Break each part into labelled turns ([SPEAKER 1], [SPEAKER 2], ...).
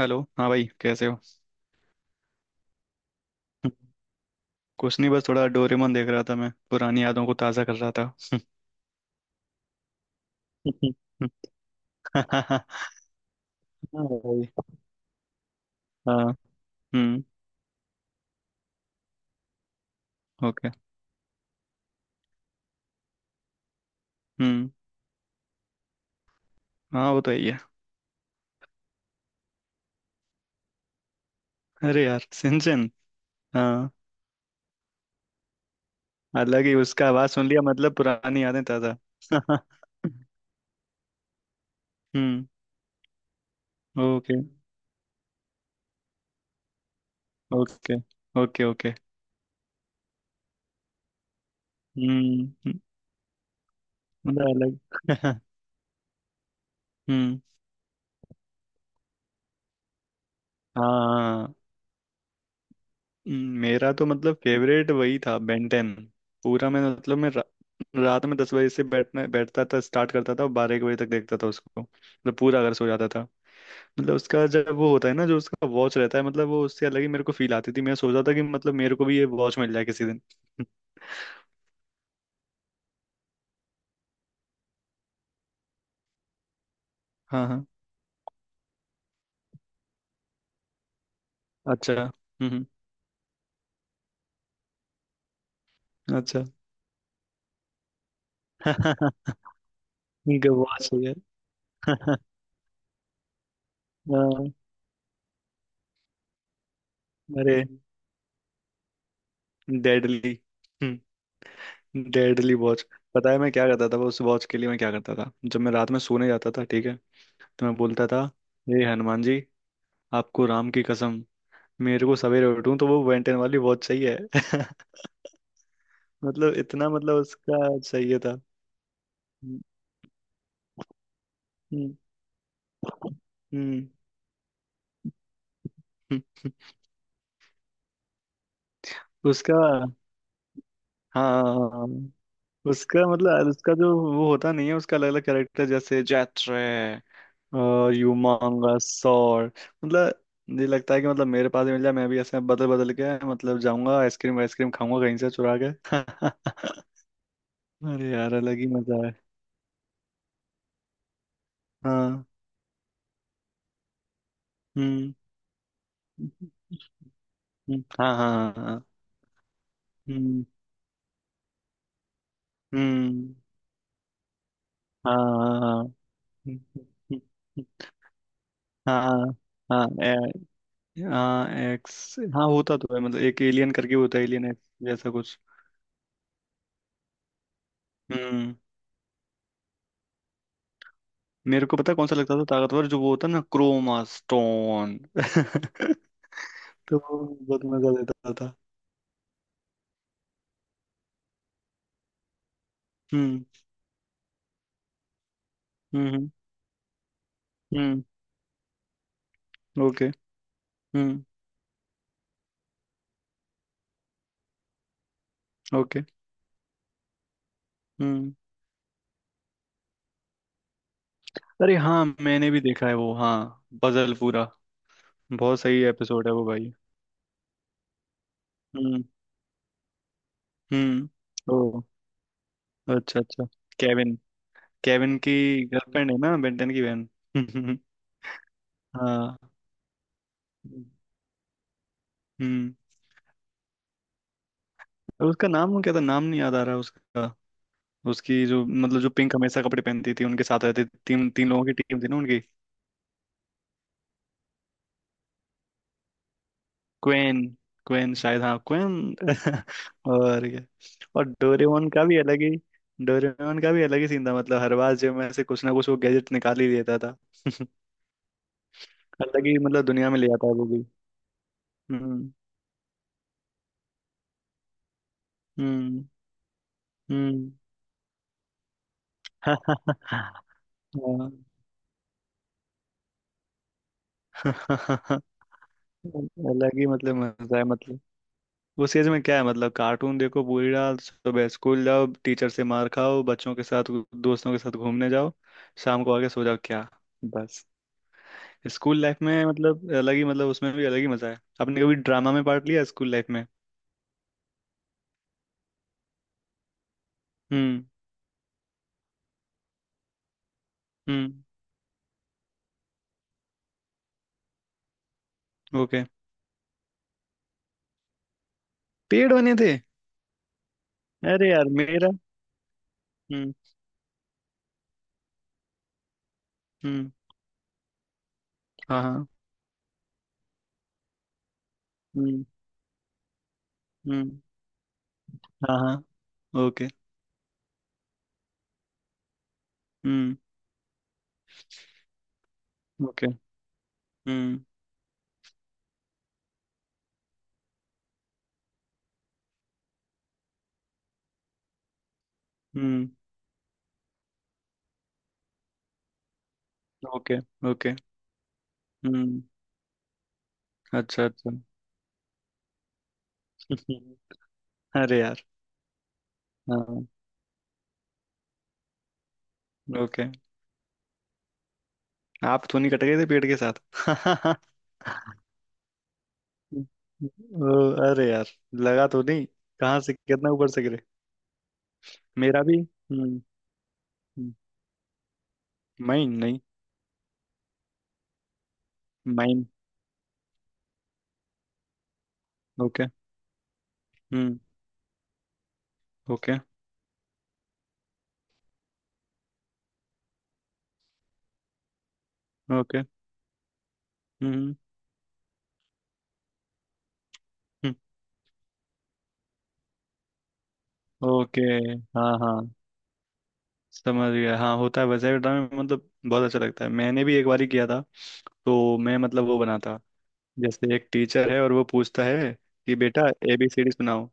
[SPEAKER 1] Hello. हाँ भाई, कैसे हो? कुछ नहीं, बस थोड़ा डोरेमोन देख रहा था। मैं पुरानी यादों को ताज़ा कर रहा था। हाँ भाई। हाँ। हम्म। ओके। हम्म। हाँ, वो तो ही है। अरे यार सिंचन। हाँ, अलग ही उसका आवाज़ सुन लिया। मतलब पुरानी यादें ताज़ा। हम्म। Okay okay. Okay okay. हम्म, मतलब अलग। हम्म। हाँ। मेरा तो मतलब फेवरेट वही था, बेंटेन। पूरा मैं, मतलब मैं रात में 10 बजे से बैठना बैठता था, स्टार्ट करता था, 12-1 बजे तक देखता था उसको। मतलब पूरा, अगर सो जाता था। मतलब उसका, जब वो होता है ना, जो उसका वॉच रहता है, मतलब वो उससे अलग ही मेरे को फील आती थी। मैं सोचता था कि मतलब मेरे को भी ये वॉच मिल जाए किसी दिन। हाँ हाँ। अच्छा। हम्म। अच्छा। इनका वॉच हो गया। हाँ। अरे डेडली। Deadly watch. पता है मैं क्या करता था वो, उस वॉच के लिए मैं क्या करता था? जब मैं रात में सोने जाता था, ठीक है, तो मैं बोलता था, हे हनुमान जी, आपको राम की कसम, मेरे को सवेरे उठूं तो वो बेंटेन वाली बहुत सही है। मतलब इतना, मतलब उसका चाहिए था। हम्म। हम्म। हम्म। उसका। हाँ, उसका, मतलब उसका जो वो होता नहीं है उसका अलग अलग कैरेक्टर, जैसे जैत्रे और यूमांगा सॉर। मतलब मुझे लगता है कि मतलब मेरे पास भी मिल जाए, मैं भी ऐसे बदल बदल के मतलब जाऊंगा, आइसक्रीम आइसक्रीम खाऊंगा कहीं से चुरा के। अरे यार, अलग ही मजा है। हाँ। हम्म हम्म। हम्म। हाँ हाँ हाँ हाँ। हम्म हम्म। हाँ। हम्म। हम्म। हाँ हाँ। हाँ। हाँ एक्स, हाँ होता तो है, मतलब एक एलियन करके होता है एलियन एक्स जैसा कुछ। हम्म। मेरे को पता है कौन सा लगता था ताकतवर, जो वो होता ना क्रोमा स्टोन। तो वो बहुत मजा देता था। हम्म हम्म। हम्म। ओके। हम्म। ओके। हम्म। अरे हाँ, मैंने भी देखा है वो। हाँ, पजल पूरा। बहुत सही एपिसोड है वो भाई। हम्म। हम्म। ओ। अच्छा अच्छा। केविन। केविन की गर्लफ्रेंड है ना बेंटन की बहन। हाँ। हम्म। और उसका नाम क्या था? नाम नहीं याद आ रहा उसका। उसकी जो, मतलब जो पिंक हमेशा कपड़े पहनती थी, उनके साथ रहती थी, तीन तीन लोगों की टीम थी ना उनकी। क्वेन, क्वेन शायद, हाँ क्वेन। और क्या। और डोरेमोन का भी अलग ही, डोरेमोन का भी अलग ही सीन था। मतलब हर बार जो मैं से कुछ ना कुछ वो गैजेट निकाल ही देता था। अलग ही मतलब दुनिया में ले आता है वो भी। हम्म हम्म। हम्म। हाँ। हाँ। अलग ही मतलब मजा है। मतलब उस एज में क्या है, मतलब कार्टून देखो पूरी रात, सुबह स्कूल जाओ, टीचर से मार खाओ, बच्चों के साथ, दोस्तों के साथ घूमने जाओ, शाम को आके सो जाओ, क्या? बस। स्कूल लाइफ में मतलब अलग ही, मतलब उसमें भी अलग ही मजा है। आपने कभी ड्रामा में पार्ट लिया स्कूल लाइफ में? हम्म। हम्म। ओके। पेड़ बने थे। अरे यार मेरा। हम्म। हम्म। हाँ हाँ। हम्म। हम्म। हाँ हाँ। ओके। हम्म। ओके। हम्म। हम्म। Okay okay. हम्म। अच्छा अच्छा। अरे यार। हाँ। ओके। आप तो नहीं कट गए थे पेड़ के साथ? ओ। अरे यार। लगा तो नहीं? कहाँ से, कितना ऊपर से गिरे? मेरा भी। हम्म। हम्म, माइन नहीं? माइन। ओके। हम्म। ओके। ओके। हम्म। हम्म। ओके। हाँ हाँ। समझ गया। हाँ होता है। वैसे भी ड्राइंग में मतलब बहुत अच्छा लगता है। मैंने भी एक बार ही किया था। तो मैं मतलब वो बनाता, जैसे एक टीचर है और वो पूछता है कि बेटा ABCD सुनाओ,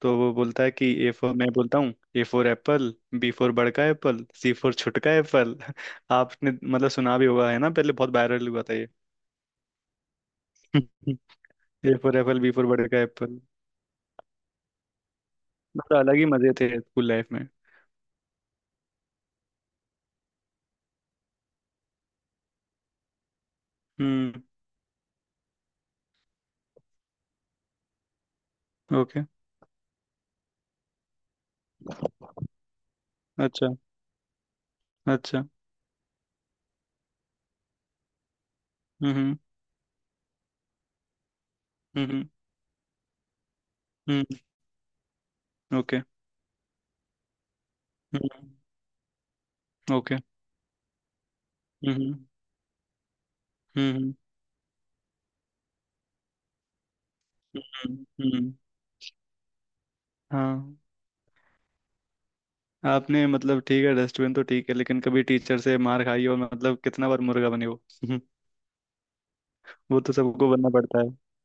[SPEAKER 1] तो वो बोलता है कि A for, मैं बोलता हूँ A for Apple, B for बड़ का एप्पल, C for छोट का एप्पल। आपने मतलब सुना भी होगा है ना, पहले बहुत वायरल हुआ था ये। A for Apple, B for बड़ का एप्पल। मतलब अलग ही मजे थे स्कूल लाइफ में। हम्म। ओके। अच्छा अच्छा। हम्म। हम्म हम्म। ओके। हम्म। ओके। हम्म। हम्म हम्म। हम्म। हाँ। आपने मतलब, ठीक है डस्टबिन तो ठीक है, लेकिन कभी टीचर से मार खाई हो, मतलब कितना बार मुर्गा बने हो? वो तो सबको बनना पड़ता। हम्म।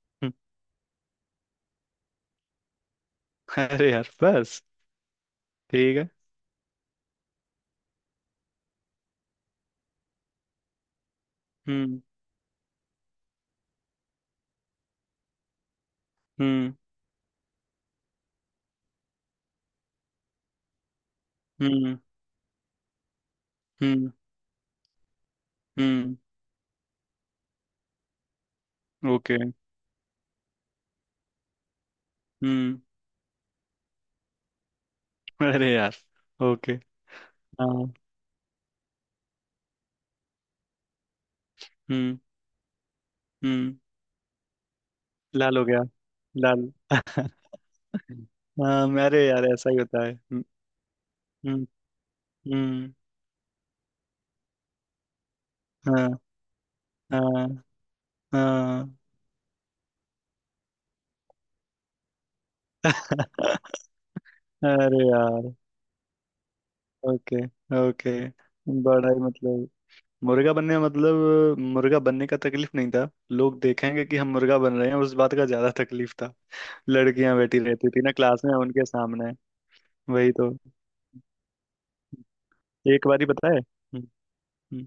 [SPEAKER 1] अरे यार बस। ठीक है। हम्म। हम्म। हम्म। हम्म। हम्म। ओके। हम्म। अरे यार। ओके। हाँ। हम्म। हम्म। लाल हो गया। लाल। हाँ मेरे यार, ऐसा ही होता है। हम्म। हम्म। हम्म। हाँ। हाँ। हाँ। अरे यार। ओके। ओके। बड़ा ही मतलब, मुर्गा बनने का, मतलब मुर्गा बनने का तकलीफ नहीं था, लोग देखेंगे कि हम मुर्गा बन रहे हैं, उस बात का ज्यादा तकलीफ था। लड़कियां बैठी रहती थी ना क्लास में, उनके सामने। वही तो। एक बारी पता है। हम्म। हम्म।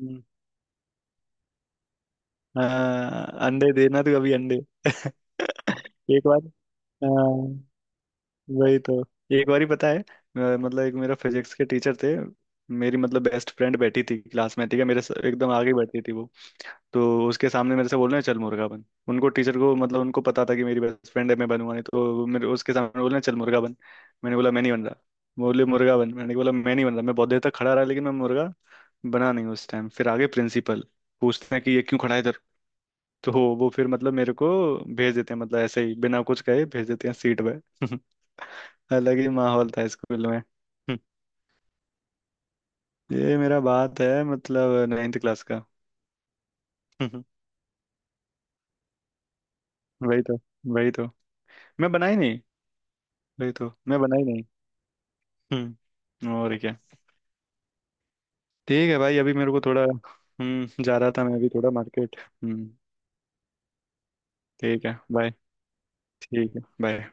[SPEAKER 1] हम्म। हाँ, अंडे देना तू, अभी अंडे। एक बार। हाँ। वही तो। एक बार ही पता है, मतलब एक मेरा फिजिक्स के टीचर थे। मेरी मतलब बेस्ट फ्रेंड बैठी थी क्लास में, ठीक है, एकदम आगे बैठी थी वो। तो उसके सामने मेरे से बोल रहे हैं, चल मुर्गा बन। उनको, टीचर को, मतलब उनको पता था कि मेरी बेस्ट फ्रेंड है, मैं बनूंगा नहीं, तो मेरे उसके सामने बोल रहे हैं, चल मुर्गा बन। मैंने बोला मैं नहीं बन रहा। बोले मुर्गा बन। मैंने बोला मैं नहीं बन रहा। मैं बहुत देर तक खड़ा रहा लेकिन मैं मुर्गा बना नहीं उस टाइम। फिर आगे प्रिंसिपल पूछते हैं कि ये क्यों खड़ा है इधर, तो वो फिर मतलब मेरे को भेज देते हैं, मतलब ऐसे ही बिना कुछ कहे भेज देते हैं सीट पे। अलग ही माहौल था स्कूल में। ये मेरा बात है मतलब 9th क्लास का। वही तो। वही तो, मैं बना ही नहीं। वही तो मैं बना ही नहीं। हम्म, और क्या। ठीक है भाई, अभी मेरे को थोड़ा, हम्म, जा रहा था मैं अभी थोड़ा मार्केट। हम्म। ठीक है बाय। ठीक है बाय।